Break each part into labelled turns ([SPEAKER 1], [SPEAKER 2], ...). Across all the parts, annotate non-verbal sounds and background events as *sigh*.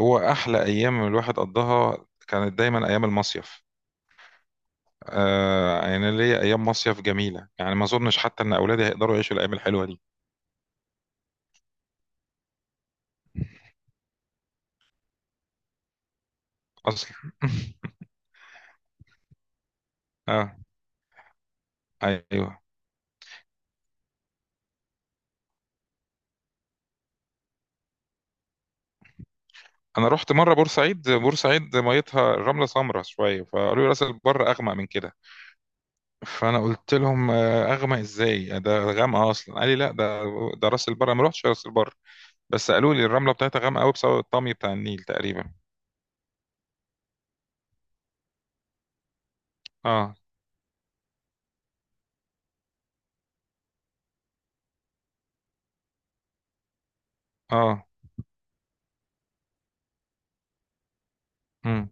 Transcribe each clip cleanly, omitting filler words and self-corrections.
[SPEAKER 1] هو احلى ايام الواحد قضاها كانت دايما ايام المصيف. آه، يعني ليا ايام مصيف جميله، يعني ما اظنش حتى ان اولادي هيقدروا يعيشوا الايام الحلوه دي. اصلا *laughs* اه، ايوه. انا رحت مره بورسعيد، بورسعيد ميتها الرمله سمراء شويه، فقالوا لي راس البر اغمق من كده. فانا قلت لهم اغمق ازاي؟ ده غامقه اصلا. قال لي لا، ده ده راس البر، أنا ما رحتش راس البر، بس قالوا لي الرمله بتاعتها غامقه قوي بسبب الطمي بتاع النيل تقريبا. اه، اه، امم،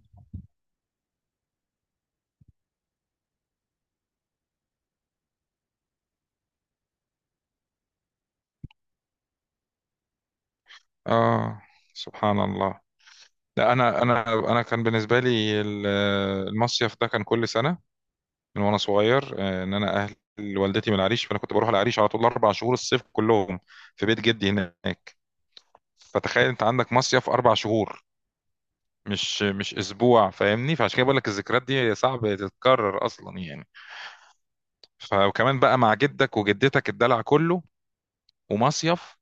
[SPEAKER 1] اه، سبحان الله. لا انا انا كان بالنسبه لي المصيف ده كان كل سنه، من وانا صغير. ان اهل والدتي من العريش، فانا كنت بروح العريش على طول 4 شهور، الصيف كلهم في بيت جدي هناك. فتخيل انت عندك مصيف 4 شهور، مش اسبوع، فاهمني؟ فعشان كده بقول لك الذكريات دي صعب تتكرر اصلا يعني. فكمان بقى مع جدك وجدتك الدلع كله، ومصيف،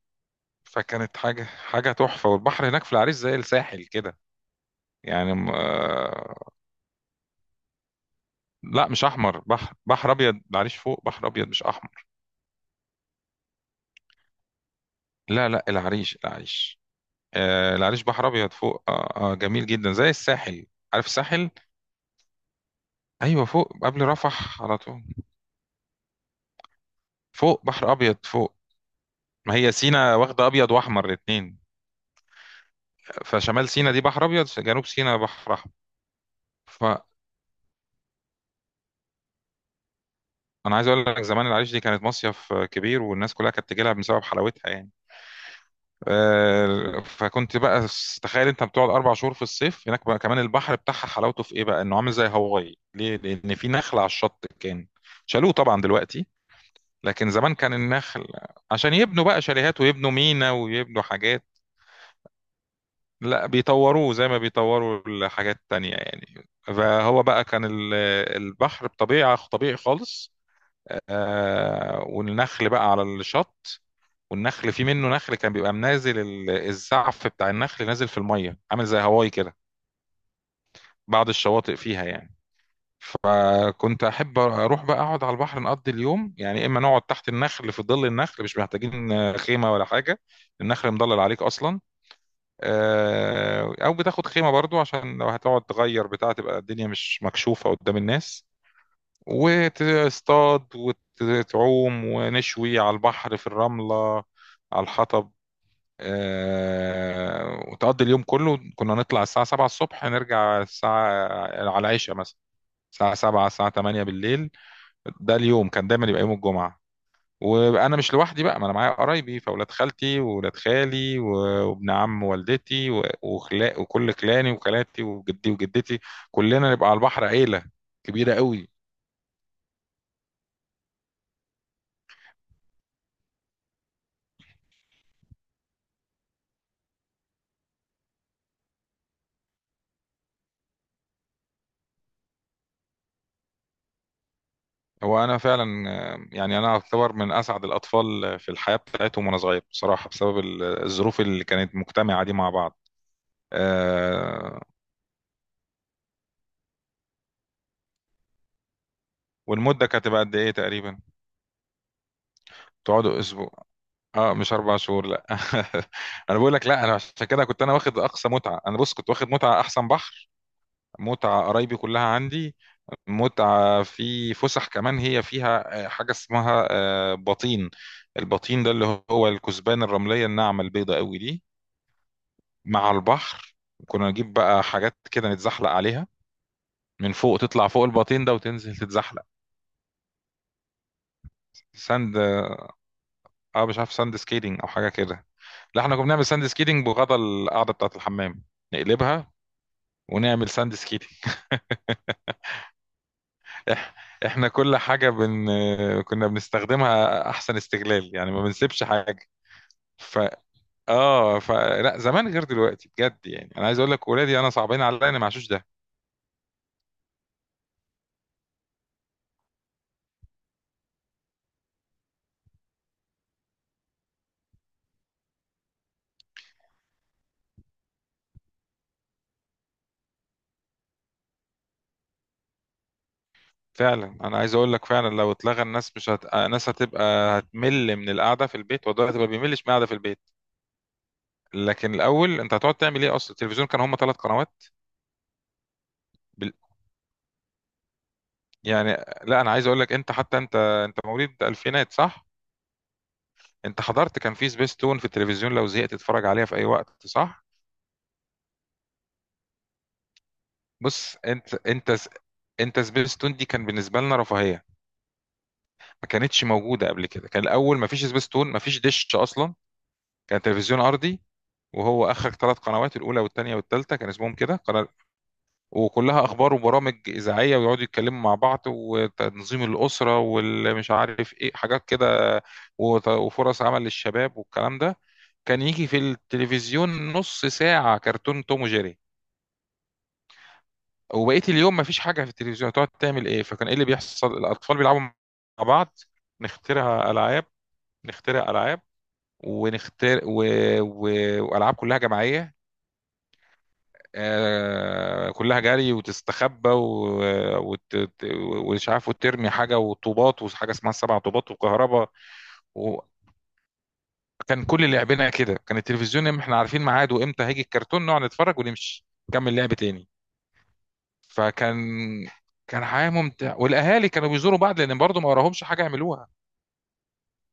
[SPEAKER 1] فكانت حاجه تحفه. والبحر هناك في العريش زي الساحل كده يعني. لا، مش احمر، بحر ابيض، العريش فوق بحر ابيض مش احمر. لا لا، العريش العريش، آه العريش بحر ابيض فوق، آه، جميل جدا زي الساحل. عارف الساحل؟ ايوه فوق، قبل رفح على طول. فوق بحر ابيض فوق. ما هي سينا واخده ابيض واحمر الاثنين، فشمال سينا دي بحر ابيض، جنوب سينا بحر احمر. فانا عايز اقول لك زمان العريش دي كانت مصيف كبير، والناس كلها كانت تجي لها بسبب حلاوتها يعني. فكنت بقى تخيل انت بتقعد اربع شهور في الصيف هناك بقى. كمان البحر بتاعها حلاوته في ايه بقى؟ انه عامل زي هاواي. ليه؟ لان في نخل على الشط، كان شالوه طبعا دلوقتي. لكن زمان كان النخل، عشان يبنوا بقى شاليهات ويبنوا مينا ويبنوا حاجات. لا، بيطوروه زي ما بيطوروا الحاجات التانية يعني. فهو بقى كان البحر بطبيعة طبيعي خالص. والنخل بقى على الشط، والنخل في منه نخل كان بيبقى منازل، الزعف بتاع النخل نازل في الميه، عامل زي هواي كده بعض الشواطئ فيها يعني. فكنت احب اروح بقى اقعد على البحر، نقضي اليوم يعني، اما نقعد تحت النخل في ظل النخل مش محتاجين خيمه ولا حاجه، النخل مضلل عليك اصلا. او بتاخد خيمه برضو، عشان لو هتقعد تغير بتاع، تبقى الدنيا مش مكشوفه قدام الناس. وتصطاد وتعوم، ونشوي على البحر في الرمله، على الحطب. وتقضي اليوم كله. كنا نطلع الساعة 7 الصبح، نرجع الساعة على العشاء مثلا، الساعة 7 الساعة 8 بالليل. ده اليوم كان دايما يبقى يوم الجمعة. وانا مش لوحدي بقى، ما انا معايا قرايبي، فاولاد خالتي واولاد خالي وابن عم والدتي وخلا وكل خلاني وخالاتي وجدي وجدتي، كلنا نبقى على البحر عيلة كبيرة قوي. هو انا فعلا، يعني انا اعتبر من اسعد الاطفال في الحياة بتاعتهم وانا صغير بصراحة، بسبب الظروف اللي كانت مجتمعة دي مع بعض. آه. والمدة كانت هتبقى قد ايه تقريبا؟ تقعدوا اسبوع؟ اه مش 4 شهور لا *laughs* انا بقول لك، لا انا عشان كده كنت انا واخد اقصى متعة. انا بص، كنت واخد متعة احسن بحر، متعة قرايبي كلها عندي، متعة في فسح. كمان هي فيها حاجة اسمها بطين. البطين ده اللي هو الكثبان الرملية الناعمة البيضة قوي دي، مع البحر. كنا نجيب بقى حاجات كده نتزحلق عليها من فوق، تطلع فوق البطين ده وتنزل تتزحلق. ساند، اه مش عارف ساند سكيتنج او حاجة كده. لا احنا كنا بنعمل ساند سكيتنج بغطا القاعده بتاعه الحمام، نقلبها ونعمل ساند سكيتنج. إح... احنا كل حاجه بن... كنا بنستخدمها احسن استغلال يعني، ما بنسيبش حاجه. ف اه، لا زمان غير دلوقتي بجد، يعني انا عايز اقول لك ولادي انا صعبين عليا، انا ما عاشوش ده. فعلا انا عايز اقول لك، فعلا لو اتلغى الناس مش هت... الناس هتبقى، هتمل من القعده في البيت. ودلوقتي ما بيملش من القعده في البيت. لكن الاول انت هتقعد تعمل ايه اصلا؟ التلفزيون كان هم 3 قنوات يعني. لا انا عايز اقول لك، انت حتى انت مواليد الفينات صح؟ انت حضرت، كان في سبيستون في التلفزيون، لو زهقت تتفرج عليها في اي وقت صح؟ بص انت سبيستون دي كان بالنسبه لنا رفاهيه، ما كانتش موجوده قبل كده. كان الاول ما فيش سبيستون، ما فيش دش اصلا، كان تلفزيون ارضي، وهو اخرك 3 قنوات، الاولى والثانيه والثالثه كان اسمهم كده. وكلها اخبار وبرامج اذاعيه، ويقعدوا يتكلموا مع بعض، وتنظيم الاسره والمش عارف ايه حاجات كده، وفرص عمل للشباب والكلام ده. كان يجي في التلفزيون نص ساعه كرتون توم وجيري، وبقيه اليوم مفيش حاجه في التلفزيون، تقعد تعمل ايه؟ فكان ايه اللي بيحصل؟ الاطفال بيلعبوا مع بعض، نخترع العاب نخترع العاب ونختار و... والعاب كلها جماعيه. كلها جري وتستخبى ومش عارف، وترمي حاجه وطوبات، وحاجه اسمها السبع طوبات، وكهرباء. وكان كل لعبنا كده كان التلفزيون إم- احنا عارفين ميعاده امتى هيجي الكرتون نقعد نتفرج ونمشي نكمل لعب تاني فكان كان حياه ممتعه، والاهالي كانوا بيزوروا بعض، لان برضه ما وراهمش حاجه يعملوها.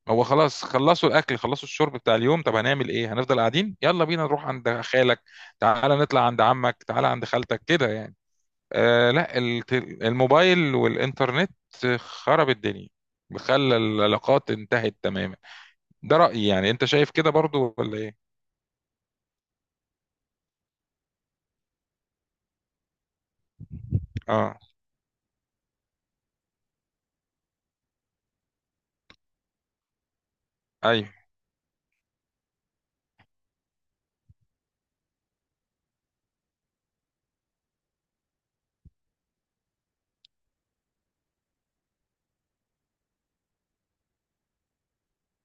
[SPEAKER 1] هو خلاص، خلصوا الاكل خلصوا الشرب بتاع اليوم، طب هنعمل ايه؟ هنفضل قاعدين؟ يلا بينا نروح عند خالك، تعالى نطلع عند عمك، تعالى عند خالتك كده يعني. آه لا الت- الموبايل والإنترنت خرب الدنيا، خلى العلاقات انتهت تماما. ده رأيي، يعني انت شايف كده برضو ولا ايه؟ اه ايوه،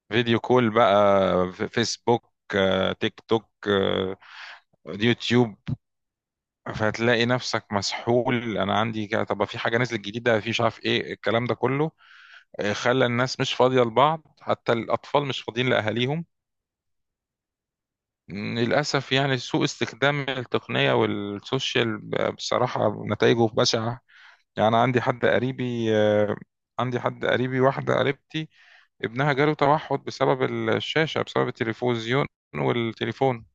[SPEAKER 1] فيديو كول بقى، فيسبوك، تيك توك، يوتيوب. فهتلاقي نفسك مسحول، انا عندي كده، طب في حاجه نزلت جديده، في مش عارف ايه، الكلام ده كله خلى الناس مش فاضيه لبعض، حتى الاطفال مش فاضيين لاهاليهم. للأسف يعني، سوء استخدام التقنية والسوشيال بصراحة نتائجه بشعة. يعني أنا عندي حد قريبي، عندي حد قريبي، واحدة قريبتي، ابنها جاله توحد بسبب الشاشة، بسبب التلفزيون والتليفون.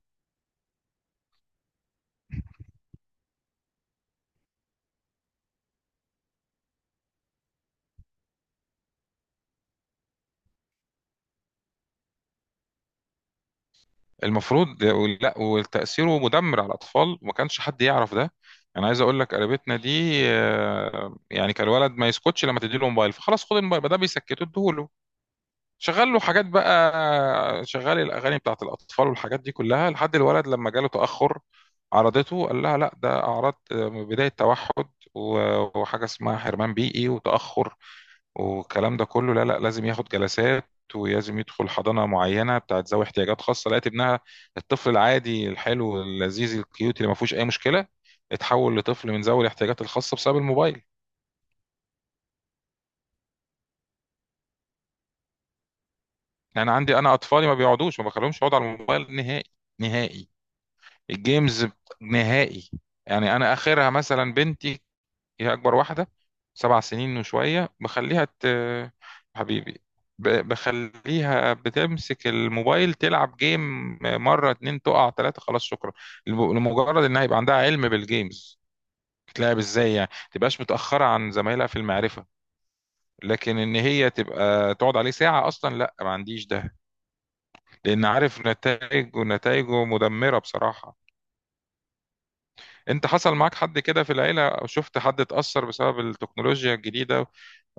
[SPEAKER 1] المفروض، لا وتأثيره مدمر على الأطفال، وما كانش حد يعرف ده. يعني عايز أقول لك قريبتنا دي يعني كان الولد ما يسكتش، لما تديله موبايل فخلاص، خد الموبايل ما ده بيسكته، اديهوله. شغال له حاجات بقى، شغال الاغاني بتاعت الاطفال والحاجات دي كلها، لحد الولد لما جاله تاخر، عرضته قال لها لا ده اعراض بدايه توحد وحاجه اسمها حرمان بيئي وتاخر، والكلام ده كله. لا لازم ياخد جلسات، ولازم يدخل حضانه معينه بتاعت ذوي احتياجات خاصه. لقيت ابنها الطفل العادي الحلو اللذيذ الكيوت اللي ما فيهوش اي مشكله، اتحول لطفل من ذوي الاحتياجات الخاصه بسبب الموبايل. يعني عندي انا اطفالي ما بيقعدوش، ما بخليهمش يقعدوا على الموبايل نهائي، نهائي، الجيمز نهائي. يعني انا اخرها مثلا بنتي، هي اكبر واحده، 7 سنين وشويه، حبيبي، بخليها بتمسك الموبايل تلعب جيم، مره اتنين تقع تلاته خلاص شكرا. لمجرد انها يبقى عندها علم بالجيمز، بتلعب ازاي يعني، تبقاش متاخره عن زمايلها في المعرفه. لكن ان هي تبقى تقعد عليه ساعه اصلا لا، ما عنديش ده، لان عارف نتائج، ونتائجه مدمره بصراحه. انت حصل معاك حد كده في العيله، او شفت حد اتاثر بسبب التكنولوجيا الجديده؟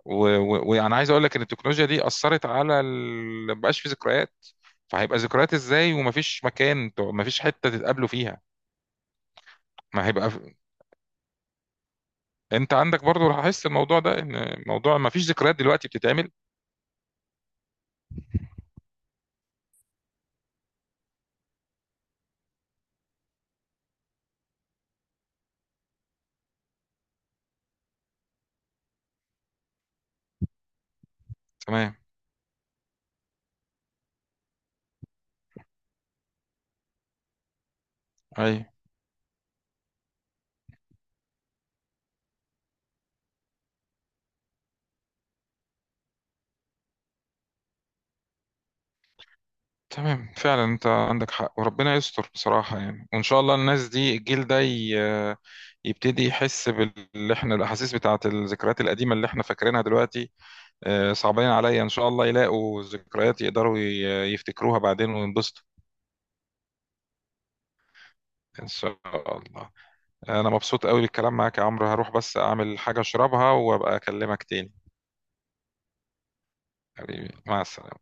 [SPEAKER 1] وانا عايز اقول لك ان التكنولوجيا دي اثرت على مبقاش في ذكريات. فهيبقى ذكريات ازاي، ومفيش مكان مفيش حته تتقابلوا فيها؟ ما هيبقى في... انت عندك برضو لاحظت الموضوع ده، ان موضوع مفيش ذكريات دلوقتي بتتعمل؟ تمام، اي، تمام فعلا. انت عندك حق، وربنا يستر بصراحه يعني. وان شاء الله الناس دي، الجيل ده يبتدي يحس باللي احنا، الاحاسيس بتاعت الذكريات القديمه اللي احنا فاكرينها دلوقتي. صعبين عليا، ان شاء الله يلاقوا ذكريات يقدروا يفتكروها بعدين وينبسطوا. ان شاء الله. انا مبسوط قوي بالكلام معاك يا عمرو، هروح بس اعمل حاجة اشربها وابقى اكلمك تاني. حبيبي، مع السلامة.